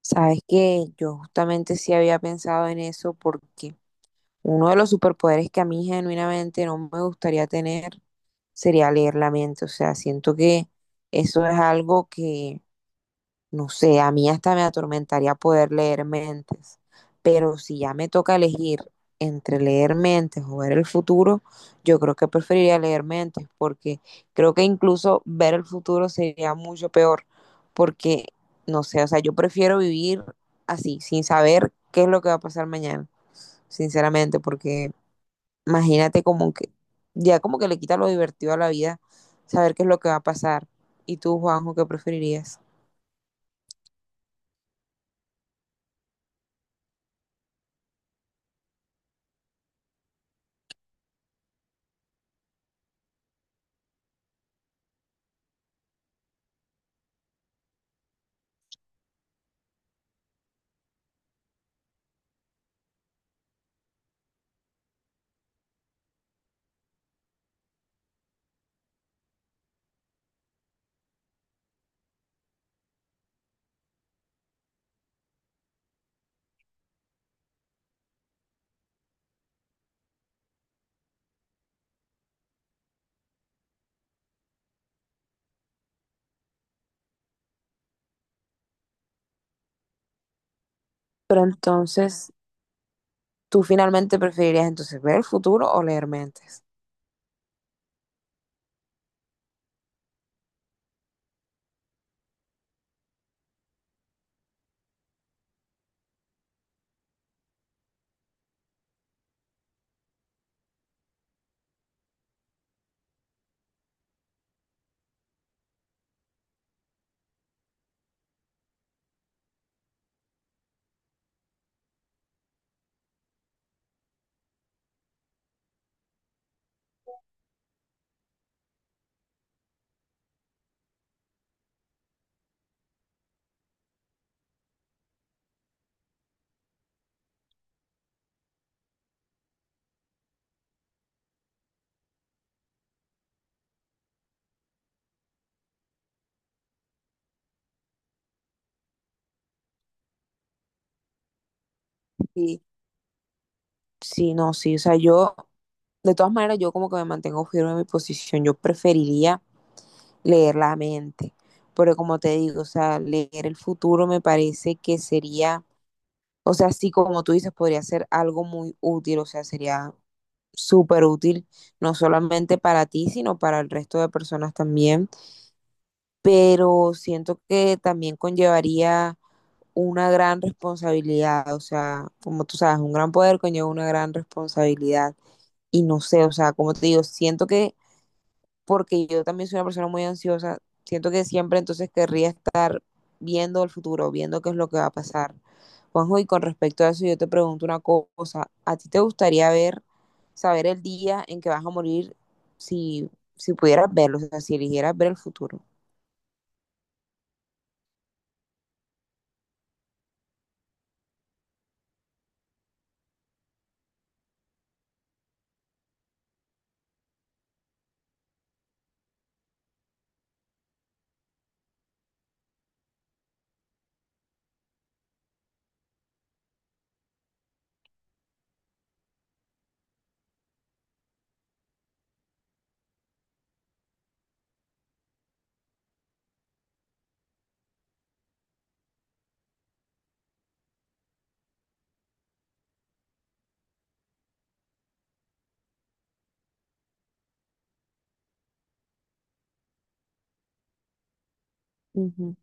Sabes que yo justamente sí había pensado en eso porque uno de los superpoderes que a mí genuinamente no me gustaría tener sería leer la mente. O sea, siento que eso es algo que no sé, a mí hasta me atormentaría poder leer mentes, pero si ya me toca elegir entre leer mentes o ver el futuro, yo creo que preferiría leer mentes, porque creo que incluso ver el futuro sería mucho peor, porque, no sé, o sea, yo prefiero vivir así, sin saber qué es lo que va a pasar mañana, sinceramente, porque imagínate como que, ya como que le quita lo divertido a la vida, saber qué es lo que va a pasar. ¿Y tú, Juanjo, qué preferirías? Pero entonces... ¿Tú finalmente preferirías entonces ver el futuro o leer mentes? Sí, sí, no, sí. O sea, yo, de todas maneras, yo como que me mantengo firme en mi posición. Yo preferiría leer la mente. Pero como te digo, o sea, leer el futuro me parece que sería, o sea, sí, como tú dices, podría ser algo muy útil, o sea, sería súper útil, no solamente para ti, sino para el resto de personas también. Pero siento que también conllevaría una gran responsabilidad, o sea, como tú sabes, un gran poder conlleva una gran responsabilidad. Y no sé, o sea, como te digo, siento que, porque yo también soy una persona muy ansiosa, siento que siempre entonces querría estar viendo el futuro, viendo qué es lo que va a pasar. Juanjo, y con respecto a eso, yo te pregunto una cosa, ¿a ti te gustaría ver, saber el día en que vas a morir si, si pudieras verlo, o sea, si eligieras ver el futuro? Ujú.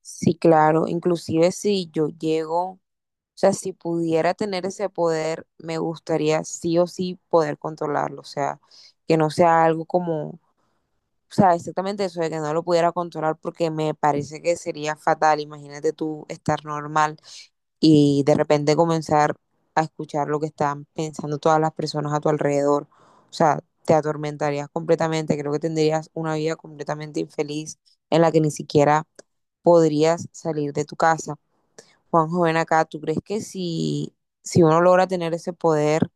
Sí, claro, inclusive si yo llego. O sea, si pudiera tener ese poder, me gustaría sí o sí poder controlarlo. O sea, que no sea algo como, o sea, exactamente eso, de que no lo pudiera controlar porque me parece que sería fatal. Imagínate tú estar normal y de repente comenzar a escuchar lo que están pensando todas las personas a tu alrededor. O sea, te atormentarías completamente. Creo que tendrías una vida completamente infeliz en la que ni siquiera podrías salir de tu casa. Juanjo, ven acá, ¿tú crees que si uno logra tener ese poder,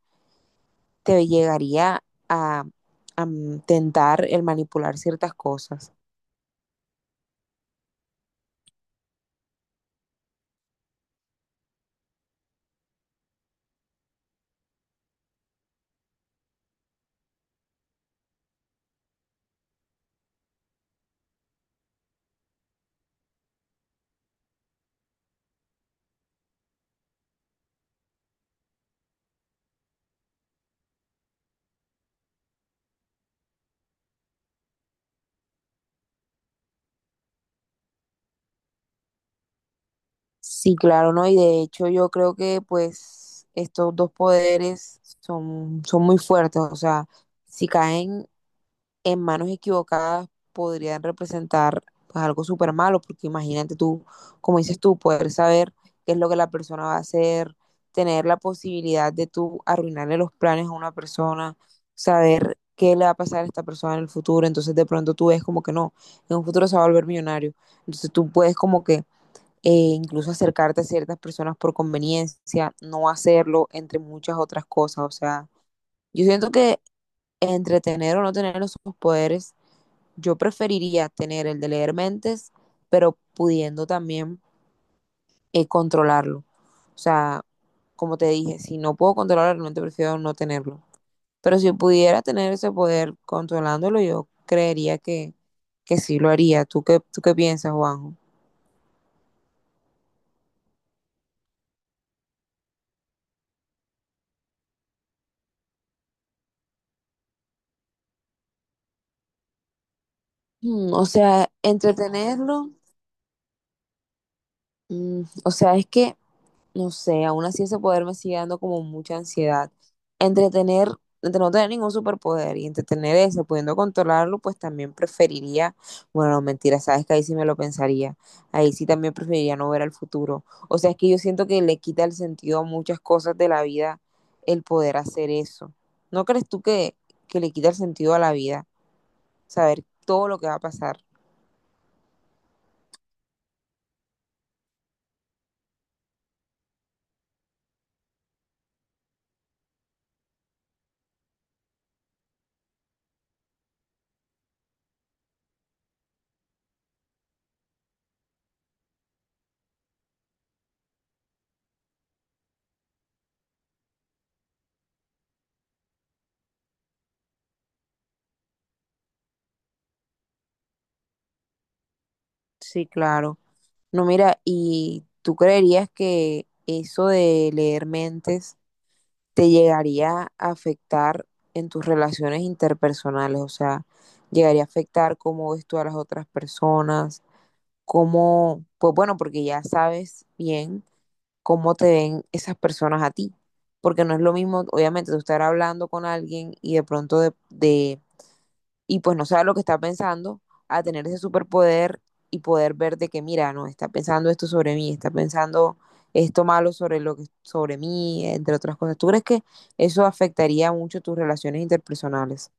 te llegaría a, a tentar el manipular ciertas cosas? Sí, claro, ¿no? Y de hecho yo creo que pues estos dos poderes son muy fuertes, o sea, si caen en manos equivocadas podrían representar pues algo súper malo, porque imagínate tú, como dices tú, poder saber qué es lo que la persona va a hacer, tener la posibilidad de tú arruinarle los planes a una persona, saber qué le va a pasar a esta persona en el futuro, entonces de pronto tú ves como que no, en un futuro se va a volver millonario, entonces tú puedes como que incluso acercarte a ciertas personas por conveniencia, no hacerlo, entre muchas otras cosas, o sea, yo siento que entre tener o no tener esos poderes yo preferiría tener el de leer mentes, pero pudiendo también controlarlo. O sea, como te dije, si no puedo controlarlo, realmente prefiero no tenerlo. Pero si pudiera tener ese poder controlándolo, yo creería que sí lo haría. ¿Tú qué piensas, Juanjo? O sea, entretenerlo, o sea, es que no sé, aún así ese poder me sigue dando como mucha ansiedad. Entre tener, entre no tener ningún superpoder y entre tener ese, pudiendo controlarlo, pues también preferiría, bueno, no, mentira, sabes que ahí sí me lo pensaría. Ahí sí también preferiría no ver al futuro. O sea, es que yo siento que le quita el sentido a muchas cosas de la vida el poder hacer eso. ¿No crees tú que le quita el sentido a la vida saber todo lo que va a pasar? Sí, claro. No, mira, ¿y tú creerías que eso de leer mentes te llegaría a afectar en tus relaciones interpersonales, o sea, llegaría a afectar cómo ves tú a las otras personas, cómo, pues bueno, porque ya sabes bien cómo te ven esas personas a ti, porque no es lo mismo, obviamente, tú estar hablando con alguien y de pronto de y pues no sabe lo que está pensando, a tener ese superpoder y poder ver de que, mira, no, está pensando esto sobre mí, está pensando esto malo sobre lo que sobre mí, entre otras cosas. ¿Tú crees que eso afectaría mucho tus relaciones interpersonales?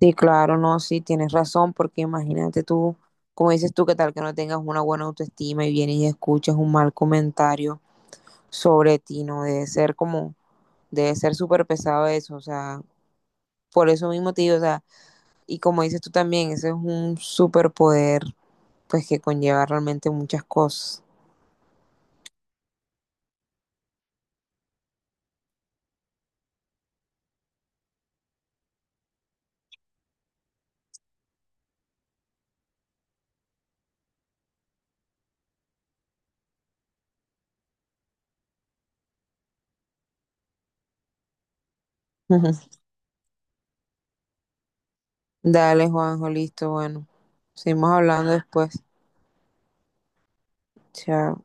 Sí, claro, no, sí, tienes razón, porque imagínate tú, como dices tú, que tal que no tengas una buena autoestima y vienes y escuchas un mal comentario sobre ti, no debe ser como, debe ser súper pesado eso, o sea, por eso mismo te digo, o sea, y como dices tú también, ese es un superpoder, pues que conlleva realmente muchas cosas. Dale, Juanjo, listo, bueno. Seguimos hablando después. Chao.